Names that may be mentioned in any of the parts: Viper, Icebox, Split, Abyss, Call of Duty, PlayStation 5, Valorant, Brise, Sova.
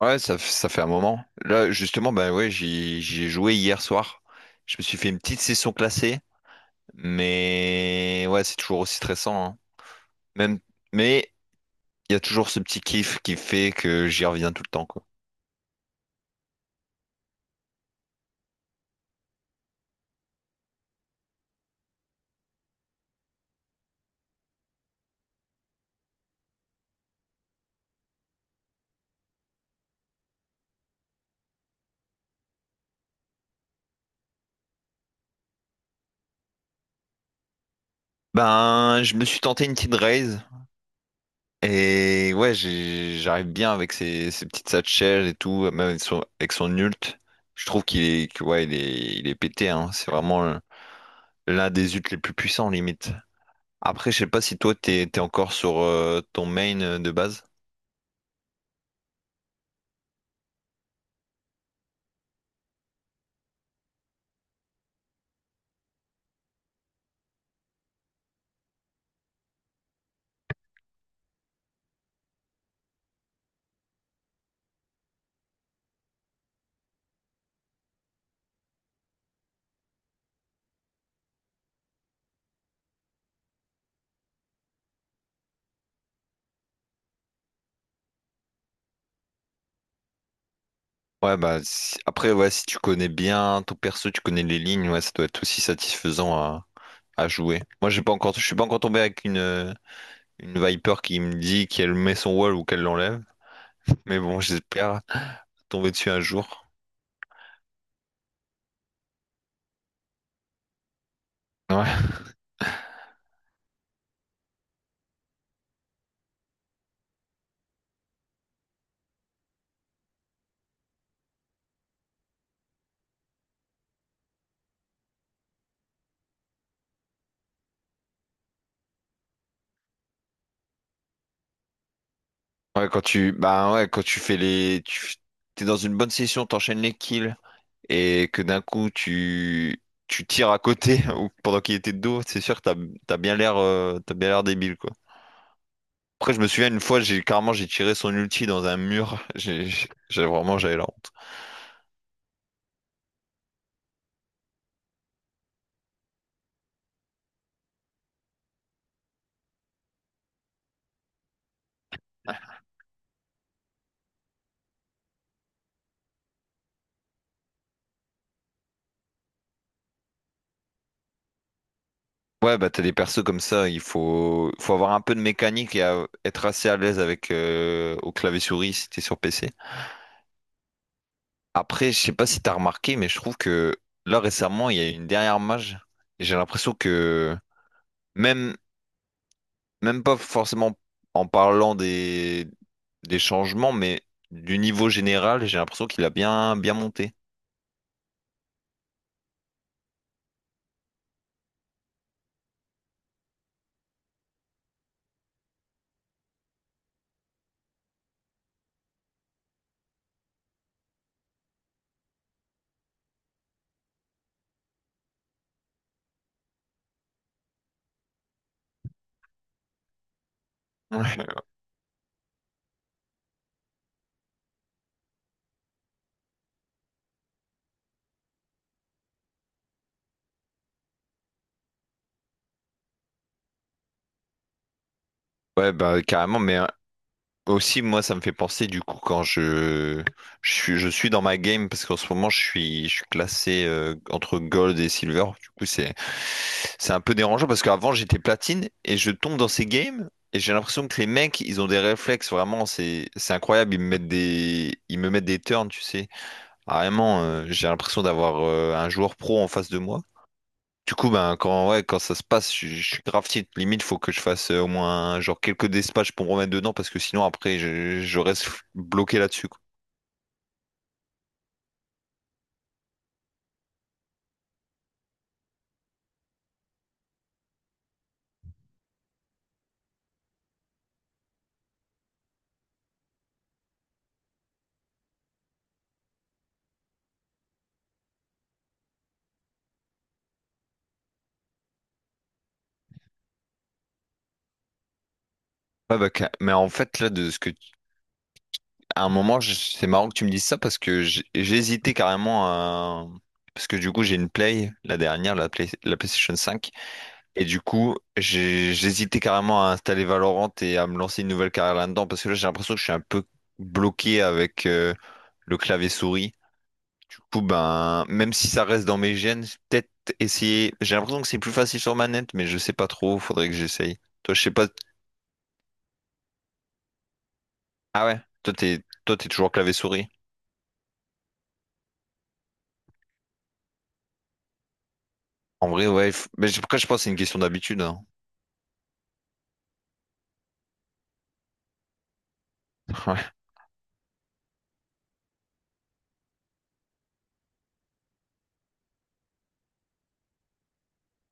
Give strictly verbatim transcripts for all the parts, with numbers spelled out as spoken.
Ouais, ça, f- ça fait un moment. Là, justement, bah ouais, j'y j'y ai joué hier soir. Je me suis fait une petite session classée, mais ouais, c'est toujours aussi stressant, hein. Même, mais il y a toujours ce petit kiff qui fait que j'y reviens tout le temps, quoi. Ben, je me suis tenté une petite raise et ouais, j'ai- j'arrive bien avec ces, ces petites satchels et tout, même avec son, avec son ult. Je trouve qu'il est, que, ouais, il est, il est pété, hein. C'est vraiment euh, l'un des ults les plus puissants, limite. Après, je sais pas si toi t'es t'es encore sur euh, ton main euh, de base. Ouais, bah si- après, ouais, si tu connais bien ton perso, tu connais les lignes, ouais, ça doit être aussi satisfaisant à, à jouer. Moi, j'ai pas encore, je suis pas encore tombé avec une euh, une Viper qui me dit qu'elle met son wall ou qu'elle l'enlève. Mais bon, j'espère tomber dessus un jour. Ouais, ouais, quand tu, bah ouais, quand tu fais les, tu, t'es dans une bonne session, t'enchaînes les kills, et que d'un coup tu tu tires à côté ou pendant qu'il était de dos, c'est sûr que t'as t'as bien l'air euh, t'as bien l'air débile quoi. Après je me souviens une fois j'ai carrément j'ai tiré son ulti dans un mur, j'ai j'ai- vraiment j'avais la honte. Ouais bah t'as des persos comme ça, il faut faut avoir un peu de mécanique et à- être assez à l'aise avec euh, au clavier souris si t'es sur P C. Après je sais pas si t'as remarqué mais je trouve que là récemment il y a eu une dernière mage et j'ai l'impression que même même pas forcément en parlant des, des changements, mais du niveau général, j'ai l'impression qu'il a bien, bien monté. Ouais. Ouais, bah carrément, mais euh, aussi moi ça me fait penser du coup quand je, je suis je suis dans ma game parce qu'en ce moment je suis je suis classé euh, entre gold et silver. Du coup c'est c'est un peu dérangeant parce qu'avant j'étais platine et je tombe dans ces games et j'ai l'impression que les mecs ils ont des réflexes vraiment c'est c'est incroyable, ils me mettent des ils me mettent des turns, tu sais. Carrément, euh, j'ai l'impression d'avoir euh, un joueur pro en face de moi. Du coup, ben, quand, ouais, quand ça se passe, je, je suis grave tilt. Limite, faut que je fasse euh, au moins genre quelques dispatchs pour me remettre dedans parce que sinon, après, je, je reste bloqué là-dessus, quoi. Ouais, bah, ca- mais en fait, là, de ce que tu- à un moment, je- c'est marrant que tu me dises ça parce que j'ai- j'ai hésité carrément à. Parce que du coup, j'ai une Play, la dernière, la Play- la PlayStation cinq. Et du coup, j'ai- j'hésitais carrément à installer Valorant et à me lancer une nouvelle carrière là-dedans parce que là, j'ai l'impression que je suis un peu bloqué avec euh, le clavier souris. Du coup, ben, même si ça reste dans mes gènes, peut-être essayer. J'ai l'impression que c'est plus facile sur manette, mais je sais pas trop. Faudrait que j'essaye. Toi, je sais pas. Ah ouais, toi, t'es, toi, t'es toujours clavier souris. En vrai, ouais. f- Mais je- après, je pense que c'est une question d'habitude, hein. Ouais.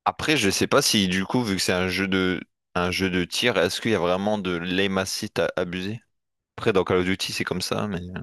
Après, je sais pas si, du coup, vu que c'est un jeu de, un jeu de tir, est-ce qu'il y a vraiment de l'aim assist à abuser? Après, dans Call of Duty, c'est comme ça, mais… euh,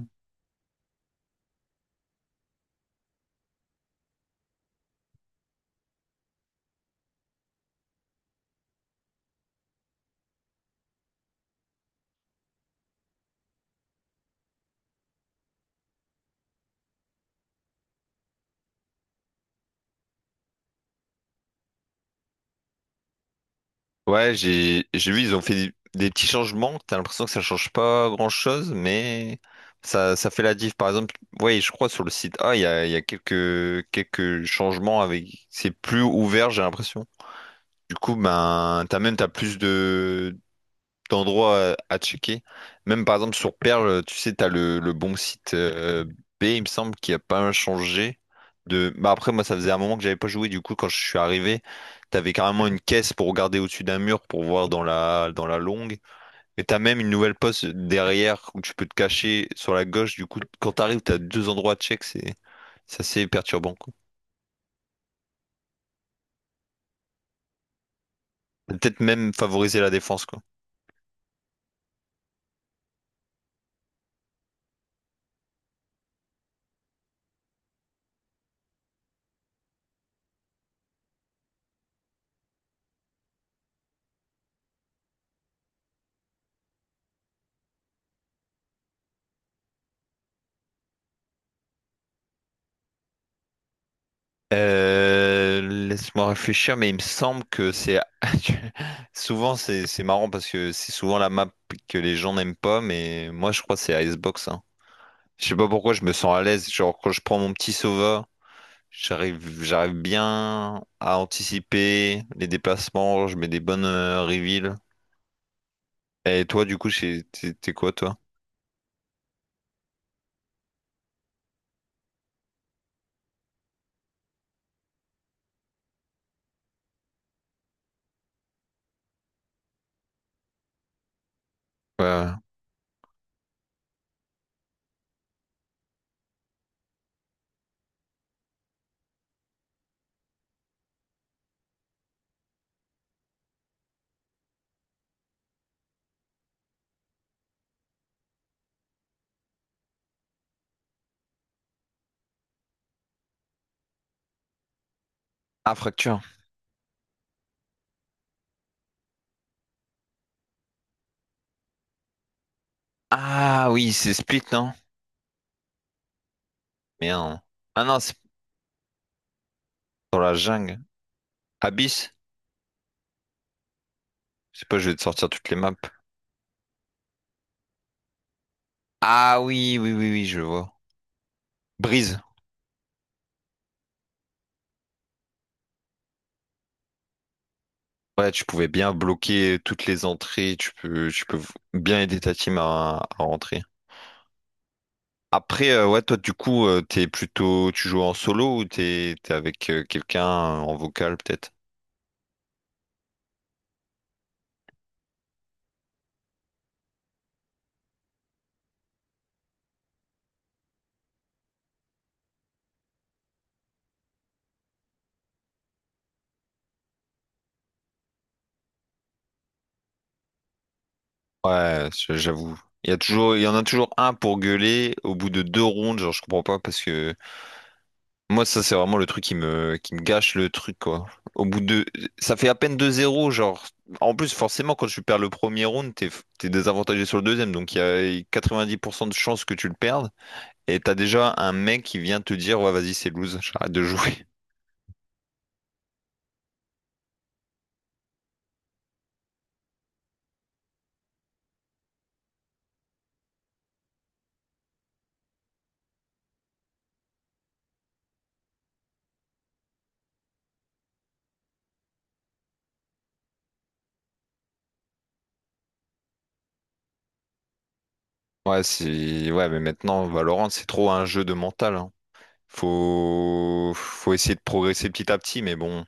Ouais, j'ai j'ai vu, ils ont fait des, des petits changements. T'as l'impression que ça change pas grand-chose, mais ça, ça fait la diff. Par exemple, ouais, je crois sur le site A, il y a, il y a quelques, quelques changements avec… C'est plus ouvert, j'ai l'impression. Du coup, ben, t'as même t'as plus de, d'endroits à, à checker. Même par exemple sur Perle, tu sais, t'as le, le bon site euh, B, il me semble, qui a pas changé de. Bah après, moi, ça faisait un moment que j'avais pas joué. Du coup, quand je suis arrivé, t'avais carrément une caisse pour regarder au-dessus d'un mur pour voir dans la dans la longue. Et t'as même une nouvelle poste derrière où tu peux te cacher sur la gauche. Du coup, quand t'arrives, t'as deux endroits à check. C'est c'est assez perturbant, quoi. Peut-être même favoriser la défense, quoi. Euh, laisse-moi réfléchir, mais il me semble que c'est souvent c'est c'est marrant parce que c'est souvent la map que les gens n'aiment pas, mais moi je crois que c'est Icebox, hein. Je sais pas pourquoi je me sens à l'aise. Genre quand je prends mon petit Sova. J'arrive, j'arrive bien à anticiper les déplacements, je mets des bonnes euh, reveals. Et toi, du coup, c'est- t'es t'es quoi, toi? Ouais, ouais. Ah, fracture. Ah oui, c'est Split, non? Merde. Ah non, c'est dans la jungle. Abyss? Je sais pas, je vais te sortir toutes les maps. Ah oui, oui, oui, oui, je vois. Brise. Ouais, tu pouvais bien bloquer toutes les entrées, tu peux, tu peux bien aider ta team à, à rentrer. Après, euh, ouais, toi, du coup, euh, t'es plutôt, tu joues en solo ou t'es, t'es avec euh, quelqu'un euh, en vocal, peut-être? Ouais, je- j'avoue. Il y a toujours, il y en a toujours un pour gueuler au bout de deux rondes, genre je comprends pas parce que moi ça c'est vraiment le truc qui me qui me gâche le truc quoi. Au bout de ça fait à peine deux zéro genre en plus forcément quand tu perds le premier round, t'es t'es désavantagé sur le deuxième donc il y a quatre-vingt-dix pour cent de chances que tu le perdes et t'as déjà un mec qui vient te dire ouais vas-y c'est lose, j'arrête de jouer. Ouais, c'est ouais mais maintenant Valorant c'est trop un jeu de mental hein. Faut faut essayer de progresser petit à petit mais bon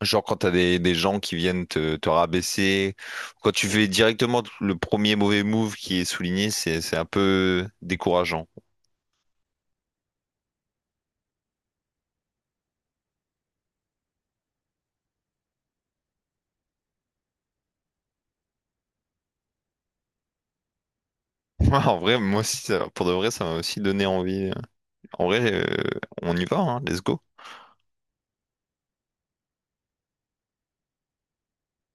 genre quand t'as des, des gens qui viennent te, te rabaisser, quand tu fais directement le premier mauvais move qui est souligné, c'est, c'est un peu décourageant. En vrai, moi aussi, ça- pour de vrai, ça m'a aussi donné envie. En vrai, euh, on y va, hein, let's go.